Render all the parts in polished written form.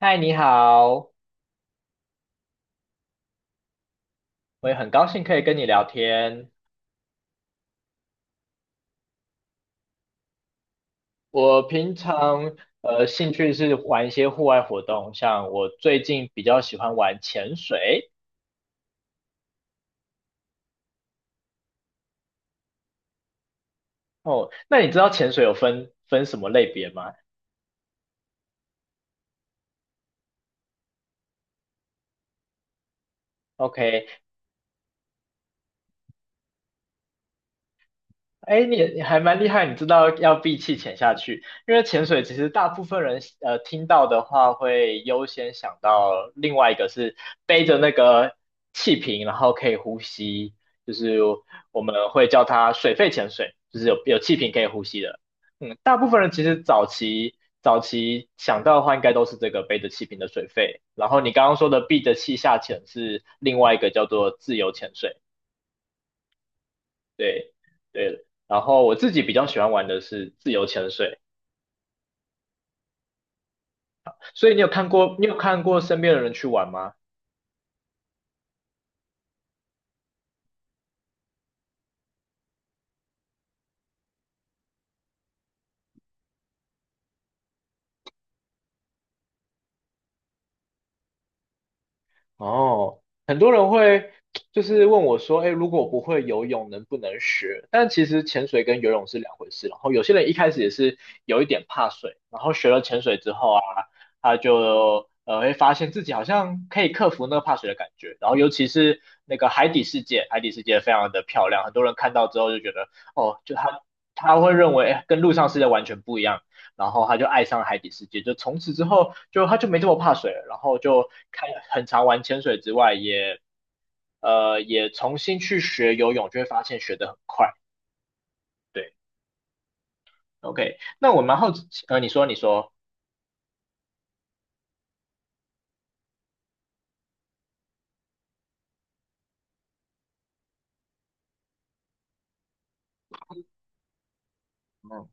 嗨，你好，我也很高兴可以跟你聊天。我平常兴趣是玩一些户外活动，像我最近比较喜欢玩潜水。哦，那你知道潜水有分什么类别吗？OK,哎，你还蛮厉害，你知道要闭气潜下去，因为潜水其实大部分人听到的话会优先想到另外一个是背着那个气瓶，然后可以呼吸，就是我们会叫它水肺潜水，就是有气瓶可以呼吸的。嗯，大部分人其实早期想到的话，应该都是这个背着气瓶的水肺，然后你刚刚说的闭着气下潜是另外一个叫做自由潜水。对对，然后我自己比较喜欢玩的是自由潜水，所以你有看过身边的人去玩吗？哦，很多人会就是问我说，哎，如果我不会游泳，能不能学？但其实潜水跟游泳是两回事。然后有些人一开始也是有一点怕水，然后学了潜水之后啊，他就会发现自己好像可以克服那个怕水的感觉。然后尤其是那个海底世界，海底世界非常的漂亮，很多人看到之后就觉得，哦，就他会认为，哎跟陆上世界完全不一样。然后他就爱上了海底世界，就从此之后他就没这么怕水了，然后就很常玩潜水之外，也重新去学游泳，就会发现学得很快。对，OK,那我蛮好奇，你说，嗯，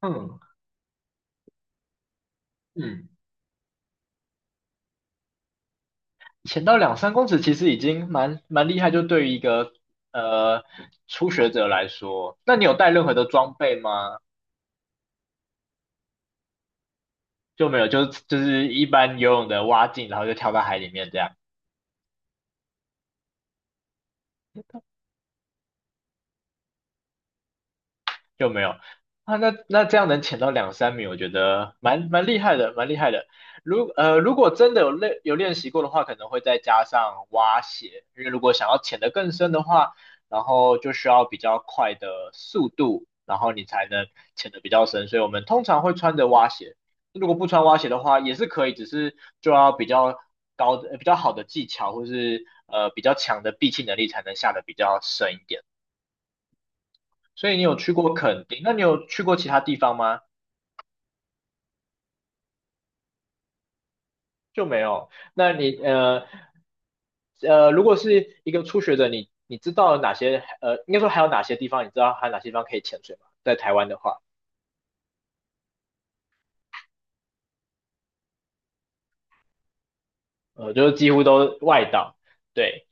嗯嗯，潜到两三公尺其实已经蛮厉害，就对于一个呃初学者来说，那你有带任何的装备吗？就没有，就是一般游泳的蛙镜，然后就跳到海里面这样。就没有啊。那这样能潜到两三米，我觉得蛮厉害的，蛮厉害的。如果真的有练习过的话，可能会再加上蛙鞋，因为如果想要潜得更深的话，然后就需要比较快的速度，然后你才能潜得比较深。所以我们通常会穿着蛙鞋。如果不穿蛙鞋的话，也是可以，只是就要比较高的、比较好的技巧，或是比较强的闭气能力，才能下得比较深一点。所以你有去过垦丁，那你有去过其他地方吗？就没有。那你如果是一个初学者，你知道哪些，应该说还有哪些地方，你知道还有哪些地方可以潜水吗？在台湾的话，就是几乎都外岛。对，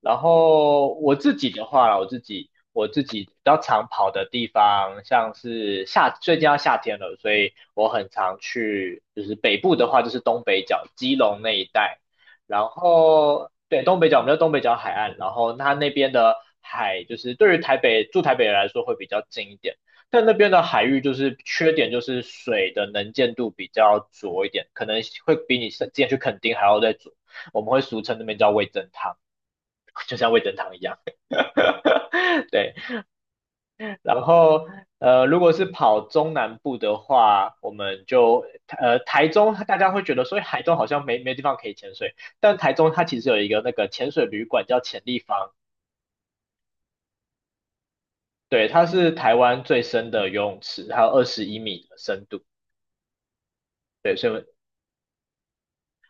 然后我自己的话啦我自己比较常跑的地方，像是最近要夏天了，所以我很常去，就是北部的话就是东北角、基隆那一带，然后对东北角，我们叫东北角海岸，然后它那边的海就是对于台北住台北人来说会比较近一点。但那边的海域就是缺点，就是水的能见度比较浊一点，可能会比你之前去垦丁还要再浊。我们会俗称那边叫味增汤，就像味增汤一样。对，然后如果是跑中南部的话，我们就台中，大家会觉得所以台中好像没地方可以潜水，但台中它其实有一个那个潜水旅馆叫潜立方，对，它是台湾最深的游泳池，它有21米的深度。对，所以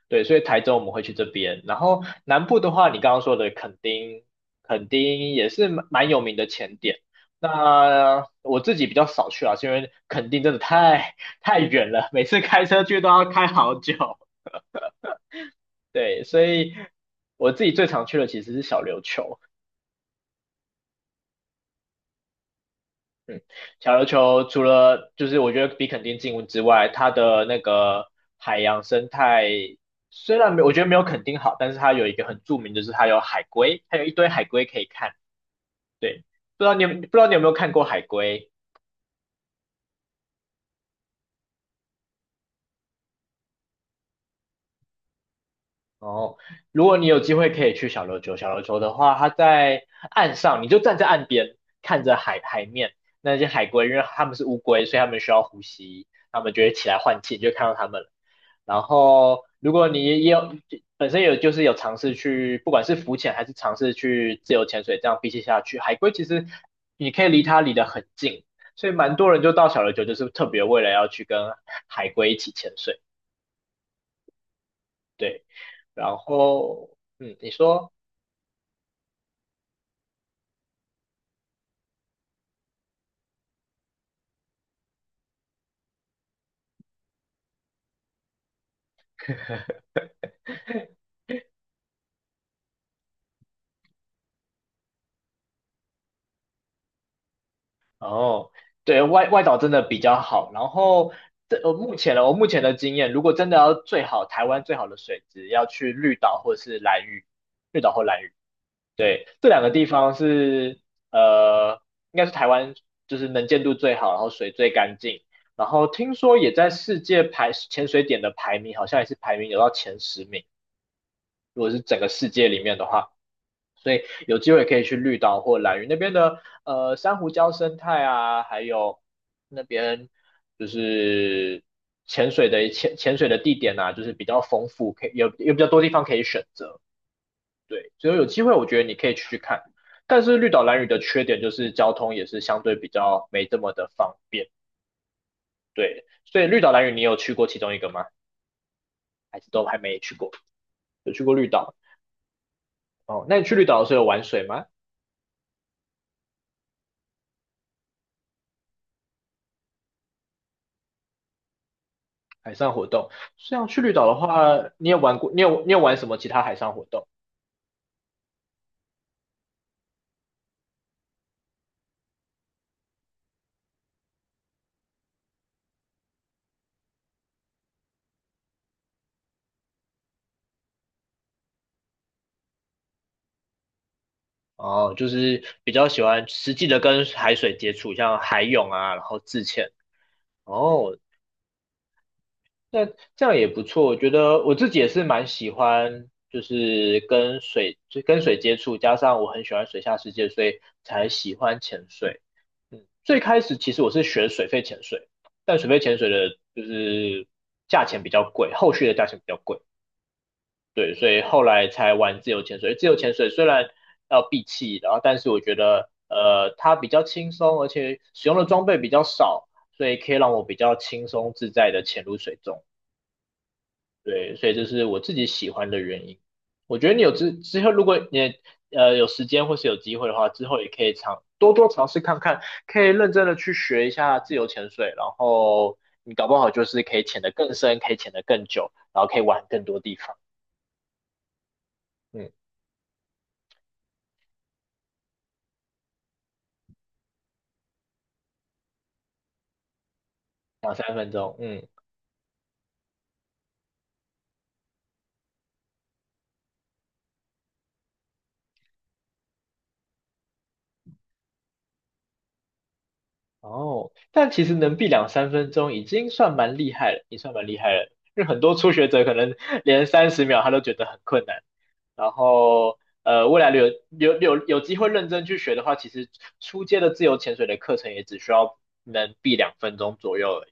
对,所以台中我们会去这边，然后南部的话，你刚刚说的垦丁，垦丁也是蛮有名的潜点。那我自己比较少去啊，是因为垦丁真的太远了，每次开车去都要开好久。对，所以我自己最常去的其实是小琉球。嗯，小琉球除了就是我觉得比垦丁近之外，它的那个海洋生态虽然没我觉得没有垦丁好，但是它有一个很著名，就是它有海龟，它有一堆海龟可以看。对，不知道你有没有看过海龟？哦，如果你有机会可以去小琉球，小琉球的话，它在岸上，你就站在岸边看着海面那些海龟，因为它们是乌龟，所以它们需要呼吸，它们就会起来换气，你就看到它们了。然后，如果你也有本身有就是有尝试去，不管是浮潜还是尝试去自由潜水，这样比起下去，海龟其实你可以离它离得很近，所以蛮多人就到小琉球，就是特别为了要去跟海龟一起潜水。对，然后嗯，你说哦，对外岛真的比较好。然后这呃目前的我目前的经验，如果真的要台湾最好的水质，要去绿岛或是兰屿，绿岛或兰屿。对，这两个地方是呃，应该是台湾就是能见度最好，然后水最干净，然后听说也在世界排潜水点的排名，好像也是排名有到前10名。如果是整个世界里面的话，所以有机会可以去绿岛或兰屿那边的珊瑚礁生态啊，还有那边就是潜水的潜水的地点啊，就是比较丰富，可以有比较多地方可以选择。对，所以有机会我觉得你可以去看。但是绿岛兰屿的缺点就是交通也是相对比较没这么的方便。对，所以绿岛兰屿你有去过其中一个吗？还是都还没去过？有去过绿岛？哦，那你去绿岛的时候有玩水吗？海上活动。像去绿岛的话，你有玩过？你有玩什么其他海上活动？哦，就是比较喜欢实际的跟海水接触，像海泳啊，然后自潜。哦，那这样也不错。我觉得我自己也是蛮喜欢，就是跟水接触，加上我很喜欢水下世界，所以才喜欢潜水。嗯，最开始其实我是学水肺潜水，但水肺潜水的就是价钱比较贵，后续的价钱比较贵。对，所以后来才玩自由潜水。自由潜水虽然要闭气，然后但是我觉得它比较轻松，而且使用的装备比较少，所以可以让我比较轻松自在的潜入水中。对，所以这是我自己喜欢的原因。我觉得你之后，如果你有时间或是有机会的话，之后也可以多多尝试看看，可以认真的去学一下自由潜水，然后你搞不好就是可以潜得更深，可以潜得更久，然后可以玩更多地方。嗯，两三分钟，嗯，哦，但其实能避两三分钟已经算蛮厉害了，已经算蛮厉害了。因为很多初学者可能连30秒他都觉得很困难。然后，未来有机会认真去学的话，其实初阶的自由潜水的课程也只需要能避2分钟左右而已。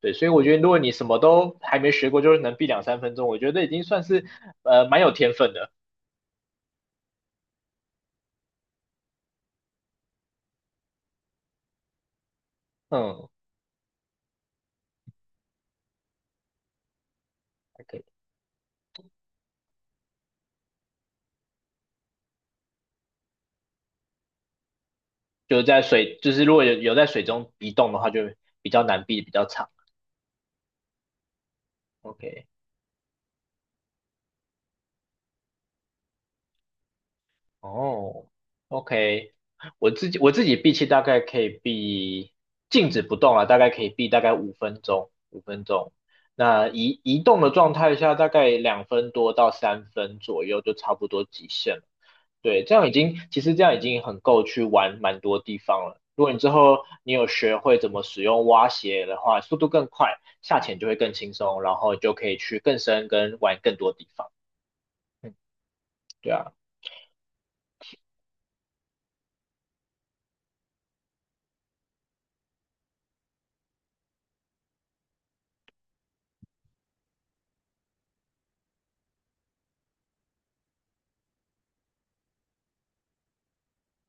对，所以我觉得如果你什么都还没学过，就是能避两三分钟，我觉得已经算是蛮有天分的。嗯，还可以。就是在水，就是如果有有在水中移动的话，就比较难避，比较长。OK,哦，OK,我自己闭气大概可以闭，静止不动啊，大概可以闭大概五分钟，五分钟。那移动的状态下，大概两分多到三分左右就差不多极限了。对，这样已经其实这样已经很够去玩蛮多地方了。如果你之后你有学会怎么使用蛙鞋的话，速度更快，下潜就会更轻松，然后就可以去更深跟玩更多地方。嗯，对啊。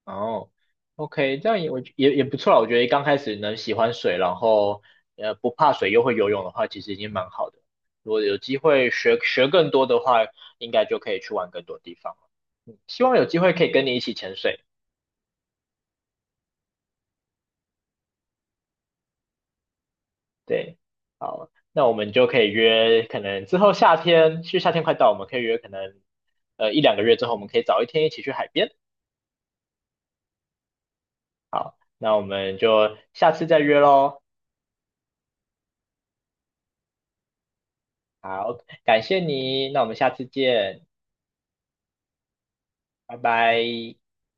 哦，OK,这样也我也不错啦。我觉得刚开始能喜欢水，然后不怕水又会游泳的话，其实已经蛮好的。如果有机会学学更多的话，应该就可以去玩更多地方。希望有机会可以跟你一起潜水。对，好，那我们就可以约，可能之后夏天，其实夏天快到，我们可以约可能一两个月之后，我们可以早一天一起去海边。好，那我们就下次再约喽。好，感谢你，那我们下次见，拜拜。